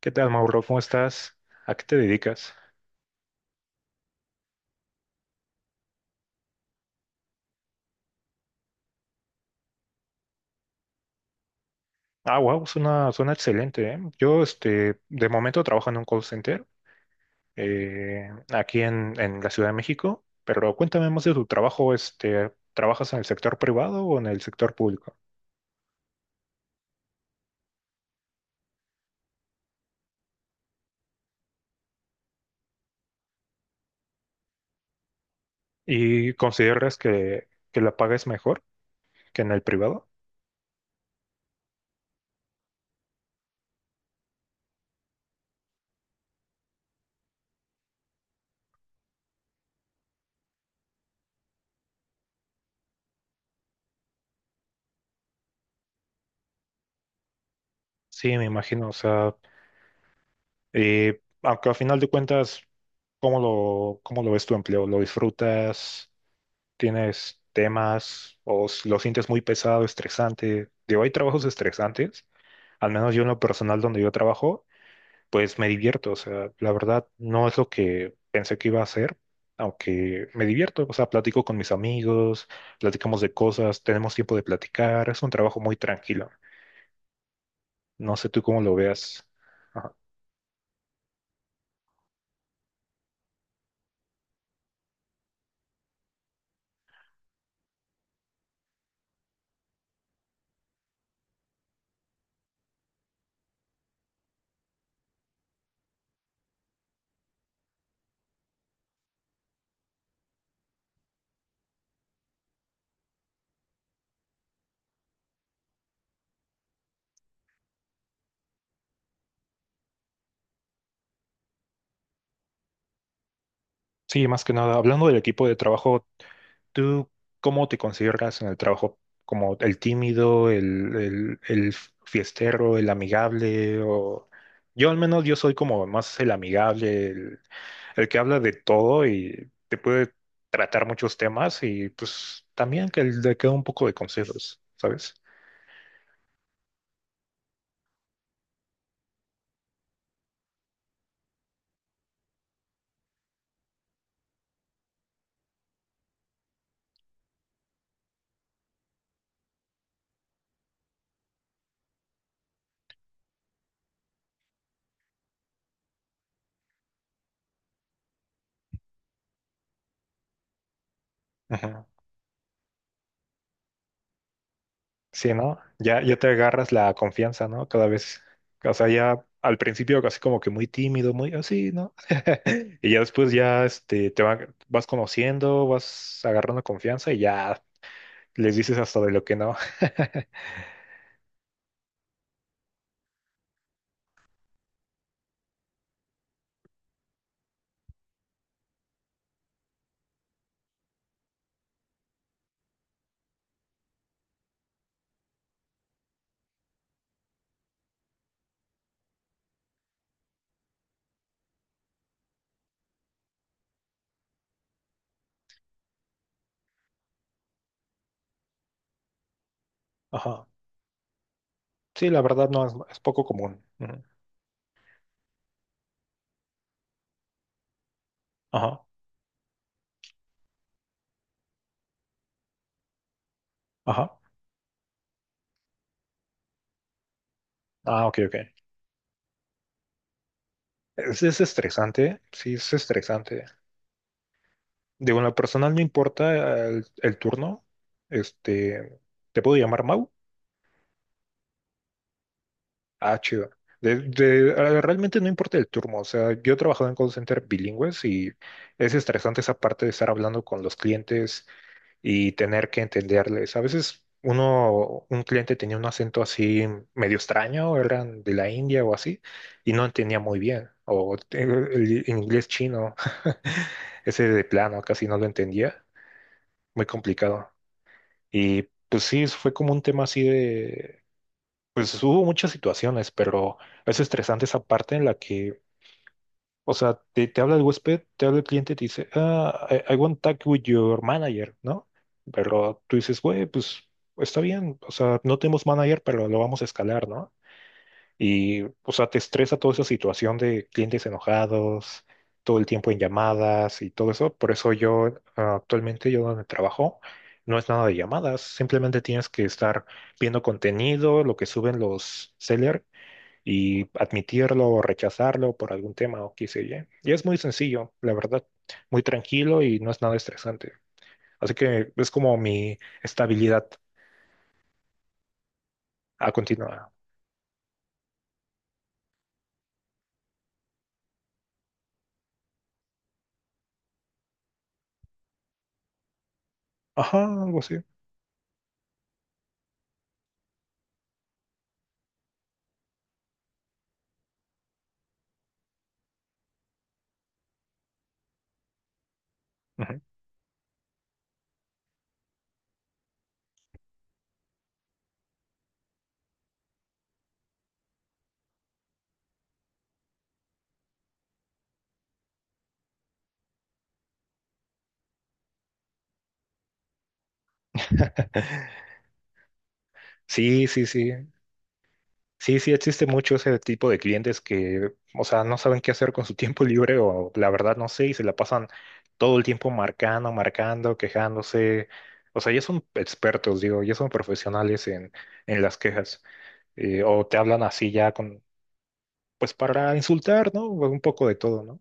¿Qué tal, Mauro? ¿Cómo estás? ¿A qué te dedicas? Ah, wow, suena excelente, ¿eh? Yo, este, de momento trabajo en un call center aquí en la Ciudad de México, pero cuéntame más de tu trabajo, este, ¿trabajas en el sector privado o en el sector público? ¿Y consideras que la paga es mejor que en el privado? Sí, me imagino, o sea, aunque al final de cuentas, ¿cómo lo ves tu empleo? ¿Lo disfrutas? Tienes temas o lo sientes muy pesado, estresante. Digo, hay trabajos estresantes, al menos yo en lo personal donde yo trabajo, pues me divierto. O sea, la verdad no es lo que pensé que iba a hacer, aunque me divierto. O sea, platico con mis amigos, platicamos de cosas, tenemos tiempo de platicar. Es un trabajo muy tranquilo. No sé tú cómo lo veas. Ajá. Sí, más que nada, hablando del equipo de trabajo. ¿Tú cómo te consideras en el trabajo? ¿Como el tímido, el fiestero, el amigable? O... Yo al menos yo soy como más el amigable, el que habla de todo y te puede tratar muchos temas y pues también que le queda un poco de consejos, ¿sabes? Sí, ¿no? Ya, ya te agarras la confianza, ¿no? Cada vez, o sea, ya al principio casi como que muy tímido, muy así, ¿no? Y ya después ya este, vas conociendo, vas agarrando confianza y ya les dices hasta de lo que no. Ajá. Sí, la verdad no, es poco común. Ujú. Ajá, ajá. Ah, ok, ok. Es estresante, sí, es estresante. Digo, en lo personal no importa el turno, este, ¿te puedo llamar Mau? Ah, chido. Realmente no importa el turno, o sea, yo he trabajado en call center bilingües y es estresante esa parte de estar hablando con los clientes y tener que entenderles. A veces uno, un cliente tenía un acento así medio extraño, eran de la India o así, y no entendía muy bien, o el inglés chino, ese de plano, casi no lo entendía, muy complicado. Y pues sí, fue como un tema así. Pues hubo muchas situaciones, pero es estresante esa parte en la que, o sea, te habla el huésped, te habla el cliente y te dice, ah, I want talk with your manager, ¿no? Pero tú dices, güey, pues está bien, o sea, no tenemos manager, pero lo vamos a escalar, ¿no? Y, o sea, te estresa toda esa situación de clientes enojados, todo el tiempo en llamadas y todo eso. Por eso yo, actualmente, yo donde trabajo, no es nada de llamadas, simplemente tienes que estar viendo contenido, lo que suben los sellers y admitirlo o rechazarlo por algún tema o qué sé yo. Y es muy sencillo, la verdad, muy tranquilo y no es nada estresante. Así que es como mi estabilidad a continuar. Ajá, algo así. Ujú. Sí, sí, sí. Sí, sí, existe mucho ese tipo de clientes que, o sea, no saben qué hacer con su tiempo libre o la verdad no sé y se la pasan todo el tiempo marcando, marcando, quejándose. O sea, ya son expertos, digo, ya son profesionales en las quejas. O te hablan así ya con, pues para insultar, ¿no? Un poco de todo, ¿no?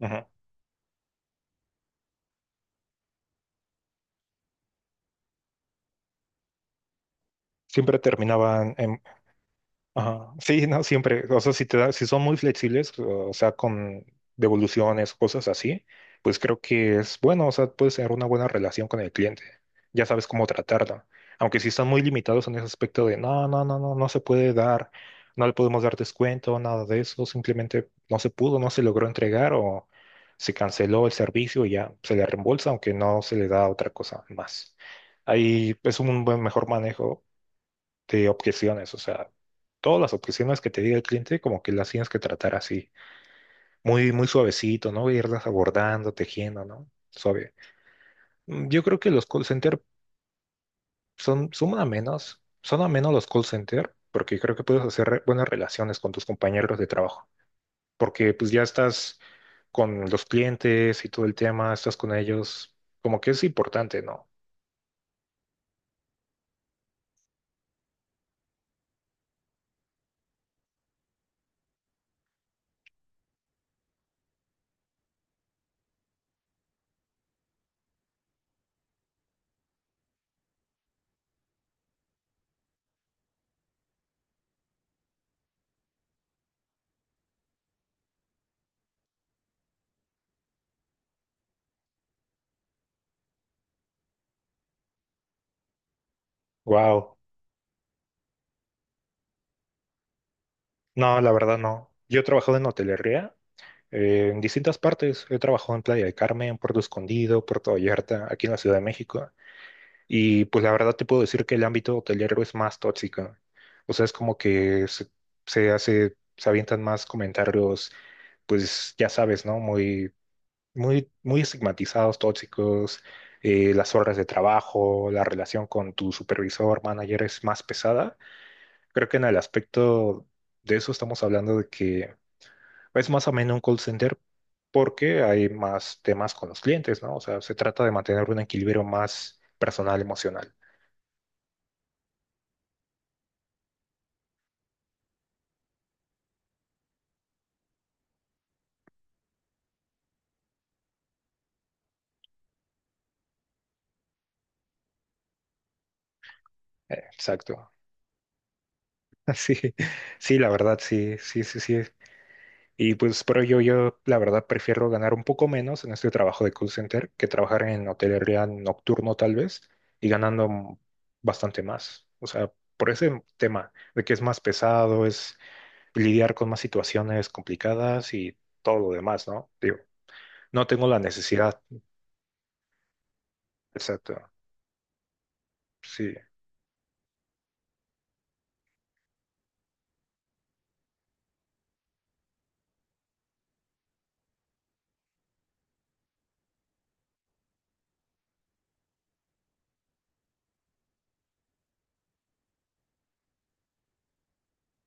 Ujú. Siempre terminaban. Ajá. Sí, no, siempre. O sea, si son muy flexibles, o sea, con devoluciones, cosas así, pues creo que es bueno, o sea, puedes tener una buena relación con el cliente. Ya sabes cómo tratarlo. Aunque si están muy limitados en ese aspecto de no, no, no, no, no se puede dar, no le podemos dar descuento, nada de eso, simplemente no se pudo, no se logró entregar o se canceló el servicio y ya se le reembolsa, aunque no se le da otra cosa más. Ahí es un buen mejor manejo de objeciones, o sea, todas las objeciones que te diga el cliente, como que las tienes que tratar así, muy, muy suavecito, ¿no? Irlas abordando, tejiendo, ¿no? Suave. Yo creo que los call center son, son a menos los call center, porque creo que puedes hacer buenas relaciones con tus compañeros de trabajo, porque pues ya estás con los clientes y todo el tema, estás con ellos, como que es importante, ¿no? Wow. No, la verdad no. Yo he trabajado en hotelería. En distintas partes he trabajado en Playa de Carmen, Puerto Escondido, Puerto Vallarta, aquí en la Ciudad de México. Y pues la verdad te puedo decir que el ámbito hotelero es más tóxico. O sea, es como que se hace, se avientan más comentarios, pues ya sabes, ¿no? Muy, muy, muy estigmatizados, tóxicos. Las horas de trabajo, la relación con tu supervisor, manager es más pesada. Creo que en el aspecto de eso estamos hablando de que es más o menos un call center porque hay más temas con los clientes, ¿no? O sea, se trata de mantener un equilibrio más personal, emocional. Exacto. Sí, sí, la verdad, sí, sí, sí, sí. Y pues, pero yo, la verdad, prefiero ganar un poco menos en este trabajo de call center que trabajar en hotelería nocturno, tal vez, y bastante más. O sea, por ese tema de que es más pesado, es lidiar con más situaciones complicadas y todo lo demás, ¿no? Digo, no tengo la necesidad. Exacto. Sí,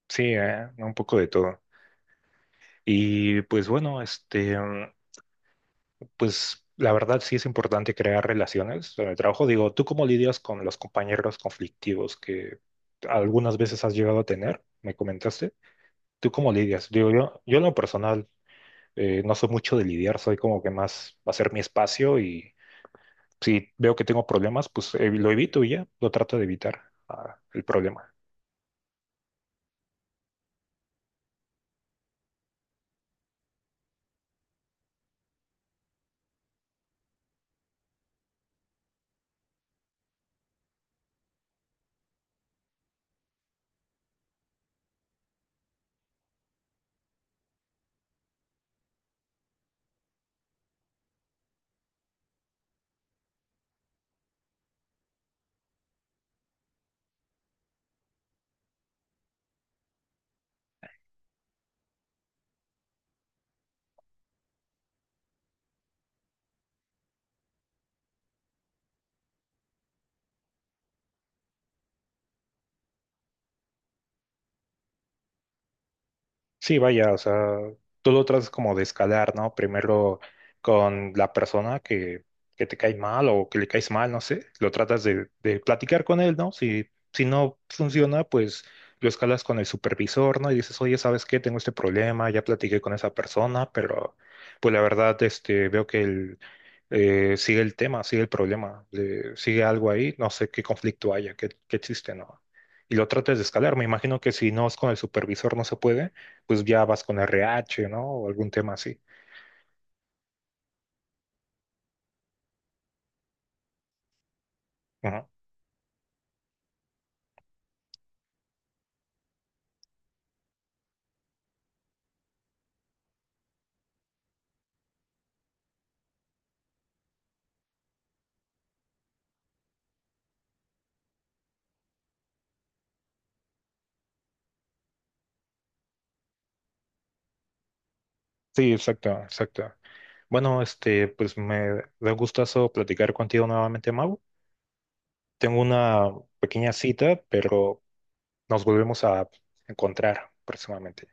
sí, un poco de todo. Y pues bueno, este, pues la verdad sí es importante crear relaciones en el trabajo. Digo, ¿tú cómo lidias con los compañeros conflictivos que algunas veces has llegado a tener? Me comentaste. ¿Tú cómo lidias? Digo, yo en lo personal no soy mucho de lidiar, soy como que más hacer mi espacio y si veo que tengo problemas, pues lo evito y ya, lo trato de evitar el problema. Sí, vaya, o sea, tú lo tratas como de escalar, ¿no? Primero con la persona que te cae mal o que le caes mal, no sé, lo tratas de platicar con él, ¿no? Si no funciona, pues lo escalas con el supervisor, ¿no? Y dices, oye, ¿sabes qué? Tengo este problema, ya platiqué con esa persona, pero pues la verdad, este, veo que él sigue el tema, sigue el problema, sigue algo ahí, no sé qué conflicto haya, qué existe, ¿no? Y lo tratas de escalar. Me imagino que si no es con el supervisor, no se puede, pues ya vas con RH, ¿no? O algún tema así. Ajá. Sí, exacto, exacto. Bueno, este, pues me da gustazo platicar contigo nuevamente, Mau. Tengo una pequeña cita, pero nos volvemos a encontrar próximamente.